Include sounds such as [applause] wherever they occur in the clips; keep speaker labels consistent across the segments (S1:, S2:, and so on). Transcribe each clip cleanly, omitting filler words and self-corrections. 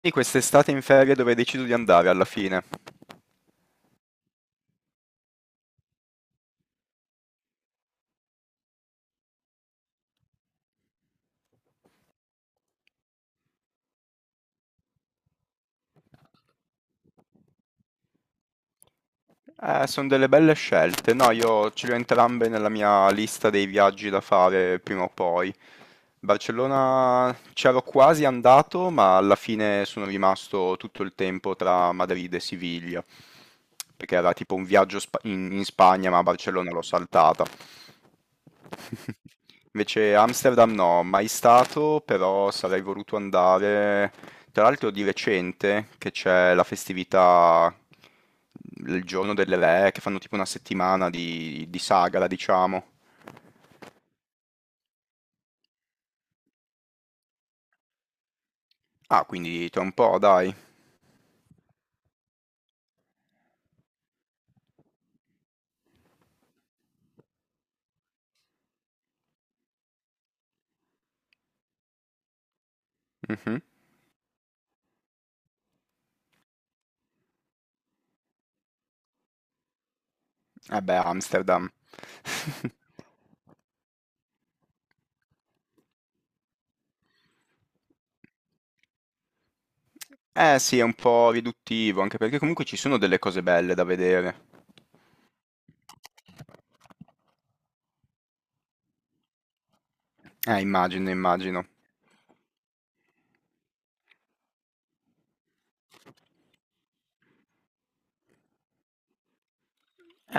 S1: Quindi quest'estate in ferie dove decido di andare alla fine? Sono delle belle scelte. No, io ce le ho entrambe nella mia lista dei viaggi da fare prima o poi. Barcellona c'ero quasi andato, ma alla fine sono rimasto tutto il tempo tra Madrid e Siviglia, perché era tipo un viaggio in Spagna, ma Barcellona l'ho saltata. Invece Amsterdam no, mai stato, però sarei voluto andare. Tra l'altro di recente che c'è la festività, il giorno delle re, che fanno tipo una settimana di sagra, diciamo. Ah, quindi tra un po', dai. Mhm. Eh beh, Amsterdam. [laughs] Eh sì, è un po' riduttivo, anche perché comunque ci sono delle cose belle da vedere. Immagino, immagino.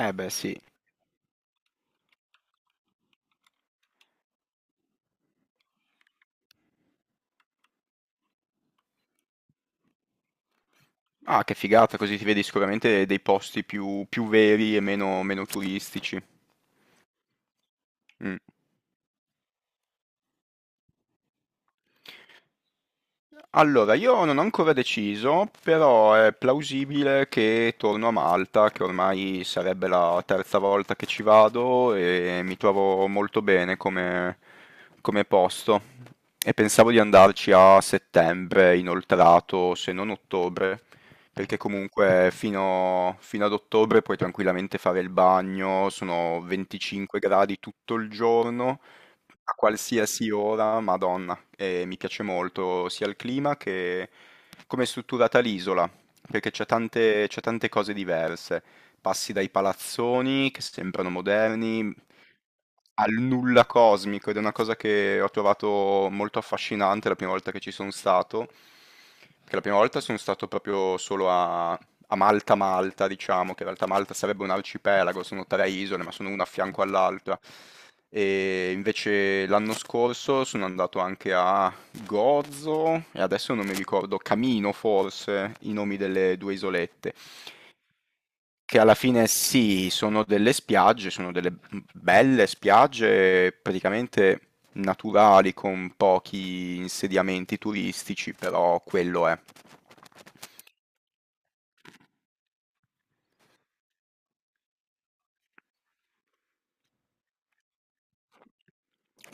S1: Eh beh sì. Ah, che figata, così ti vedi sicuramente dei posti più, più veri e meno, meno turistici. Mm. Allora, io non ho ancora deciso, però è plausibile che torno a Malta, che ormai sarebbe la terza volta che ci vado e mi trovo molto bene come, come posto. E pensavo di andarci a settembre, inoltrato, se non ottobre, perché comunque fino ad ottobre puoi tranquillamente fare il bagno, sono 25 gradi tutto il giorno a qualsiasi ora, Madonna, mi piace molto sia il clima che come è strutturata l'isola, perché c'è tante cose diverse. Passi dai palazzoni che sembrano moderni al nulla cosmico ed è una cosa che ho trovato molto affascinante la prima volta che ci sono stato, perché la prima volta sono stato proprio solo a Malta Malta, diciamo, che in realtà Malta sarebbe un arcipelago, sono 3 isole, ma sono una a fianco all'altra. E invece l'anno scorso sono andato anche a Gozo e adesso non mi ricordo, Camino forse, i nomi delle 2 isolette. Che alla fine sì, sono delle spiagge, sono delle belle spiagge praticamente naturali con pochi insediamenti turistici, però quello è.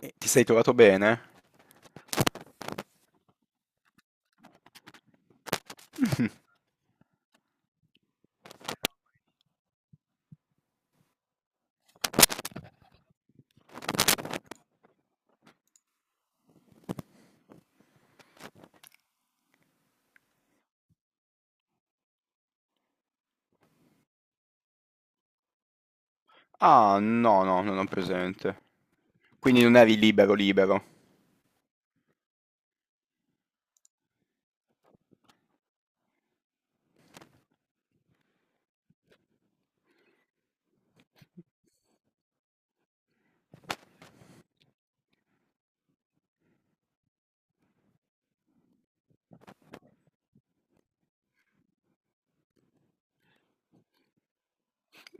S1: E ti sei trovato bene? [laughs] Mh-mh. Ah, no, no, non ho presente. Quindi non eri libero libero.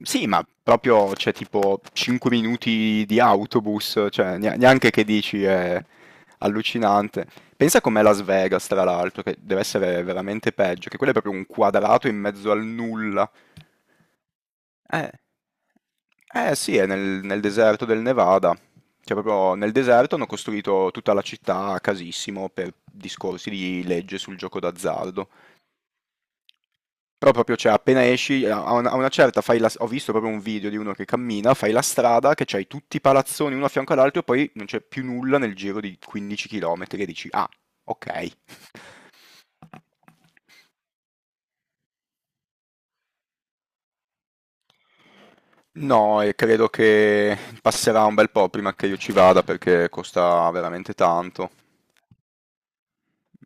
S1: Sì, ma proprio cioè tipo 5 minuti di autobus, cioè neanche che dici è allucinante. Pensa com'è Las Vegas tra l'altro, che dev'essere veramente peggio, che quello è proprio un quadrato in mezzo al nulla. Eh, eh sì, è nel deserto del Nevada. Cioè, proprio nel deserto hanno costruito tutta la città a casissimo per discorsi di legge sul gioco d'azzardo. Però proprio, cioè, appena esci, a una certa fai la... Ho visto proprio un video di uno che cammina, fai la strada, che c'hai tutti i palazzoni uno a fianco all'altro e poi non c'è più nulla nel giro di 15 km e dici, ah, ok. No, e credo che passerà un bel po' prima che io ci vada perché costa veramente tanto.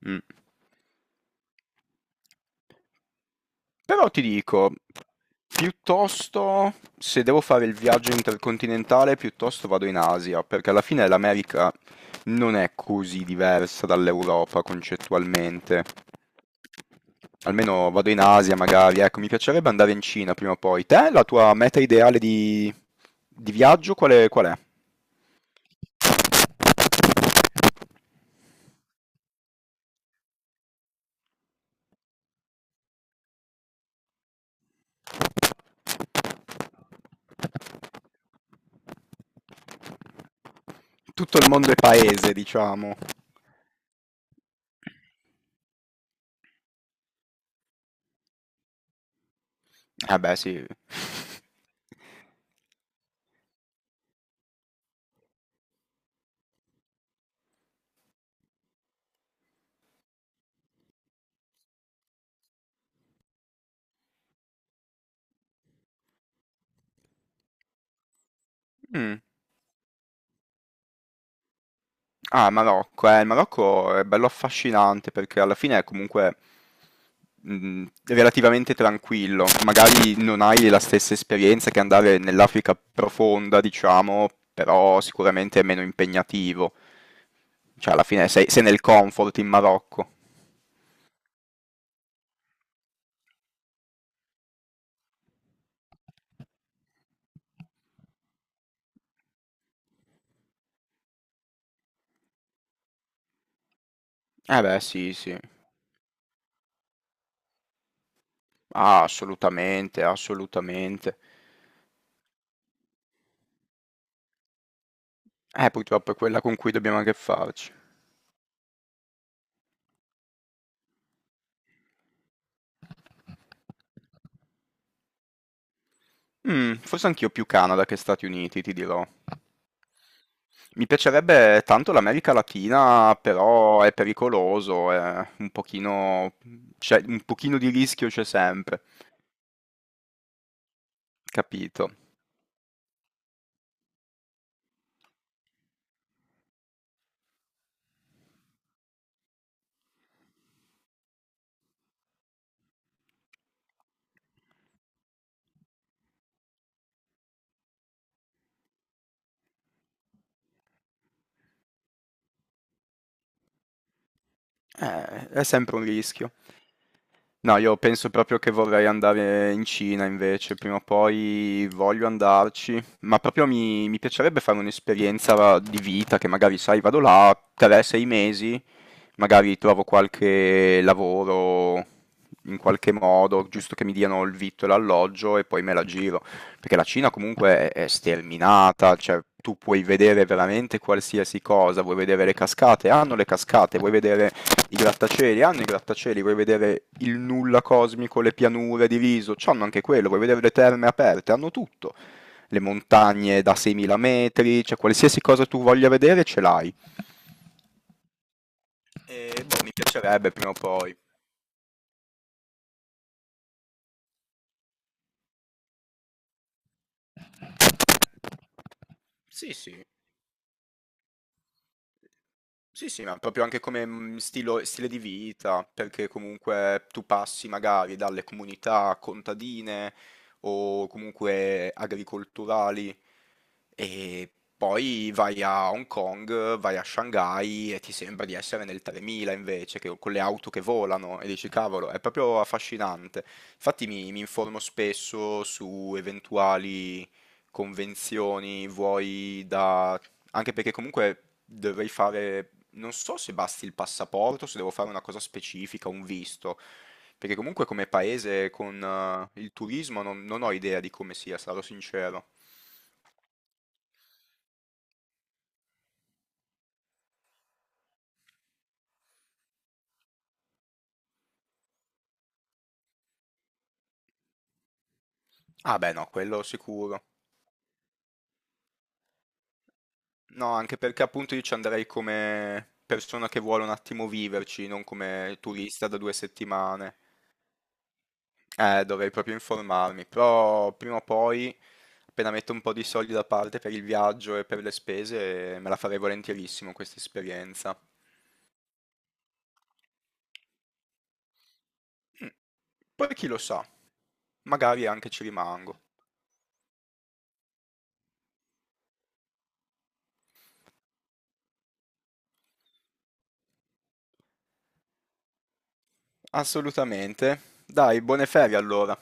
S1: Mh. Però ti dico, piuttosto se devo fare il viaggio intercontinentale, piuttosto vado in Asia, perché alla fine l'America non è così diversa dall'Europa concettualmente. Almeno vado in Asia magari, ecco, mi piacerebbe andare in Cina prima o poi. Te, la tua meta ideale di viaggio qual è, qual è? Tutto il mondo è paese, diciamo. Eh beh, sì. [laughs] Mm. Ah, il Marocco è bello affascinante perché alla fine è comunque relativamente tranquillo. Magari non hai la stessa esperienza che andare nell'Africa profonda, diciamo, però sicuramente è meno impegnativo. Cioè, alla fine sei, sei nel comfort in Marocco. Eh beh, sì, sì. Ah, assolutamente, assolutamente. Purtroppo è quella con cui dobbiamo anche farci. Mm, forse anch'io più Canada che Stati Uniti, ti dirò. Mi piacerebbe tanto l'America Latina, però è pericoloso, è un pochino, un pochino di rischio c'è sempre, capito? È sempre un rischio. No, io penso proprio che vorrei andare in Cina invece, prima o poi voglio andarci, ma proprio mi piacerebbe fare un'esperienza di vita che magari, sai, vado là 3-6 mesi, magari trovo qualche lavoro in qualche modo, giusto che mi diano il vitto e l'alloggio e poi me la giro. Perché la Cina comunque è sterminata, cioè tu puoi vedere veramente qualsiasi cosa, vuoi vedere le cascate, hanno le cascate, vuoi vedere i grattacieli, hanno i grattacieli, vuoi vedere il nulla cosmico, le pianure diviso, hanno anche quello, vuoi vedere le terme aperte, hanno tutto, le montagne da 6.000 metri, cioè qualsiasi cosa tu voglia vedere ce l'hai. E boh, mi piacerebbe prima o poi. Sì, sì. Sì, sì, ma proprio anche come, mhmm, stilo stile di vita, perché comunque tu passi magari dalle comunità contadine o comunque agricolturali e poi vai a Hong Kong, vai a Shanghai e ti sembra di essere nel 3000 invece, che con le auto che volano e dici: "Cavolo, è proprio affascinante". Infatti mi informo spesso su eventuali convenzioni, vuoi da anche perché comunque dovrei fare non so se basti il passaporto, se devo fare una cosa specifica, un visto, perché comunque come paese con il turismo non ho idea di come sia, sarò sincero. Ah beh no, quello sicuro. No, anche perché appunto io ci andrei come persona che vuole un attimo viverci, non come turista da 2 settimane. Dovrei proprio informarmi, però prima o poi, appena metto un po' di soldi da parte per il viaggio e per le spese, me la farei volentierissimo questa esperienza. Mm, poi chi lo sa, magari anche ci rimango. Assolutamente. Dai, buone ferie allora.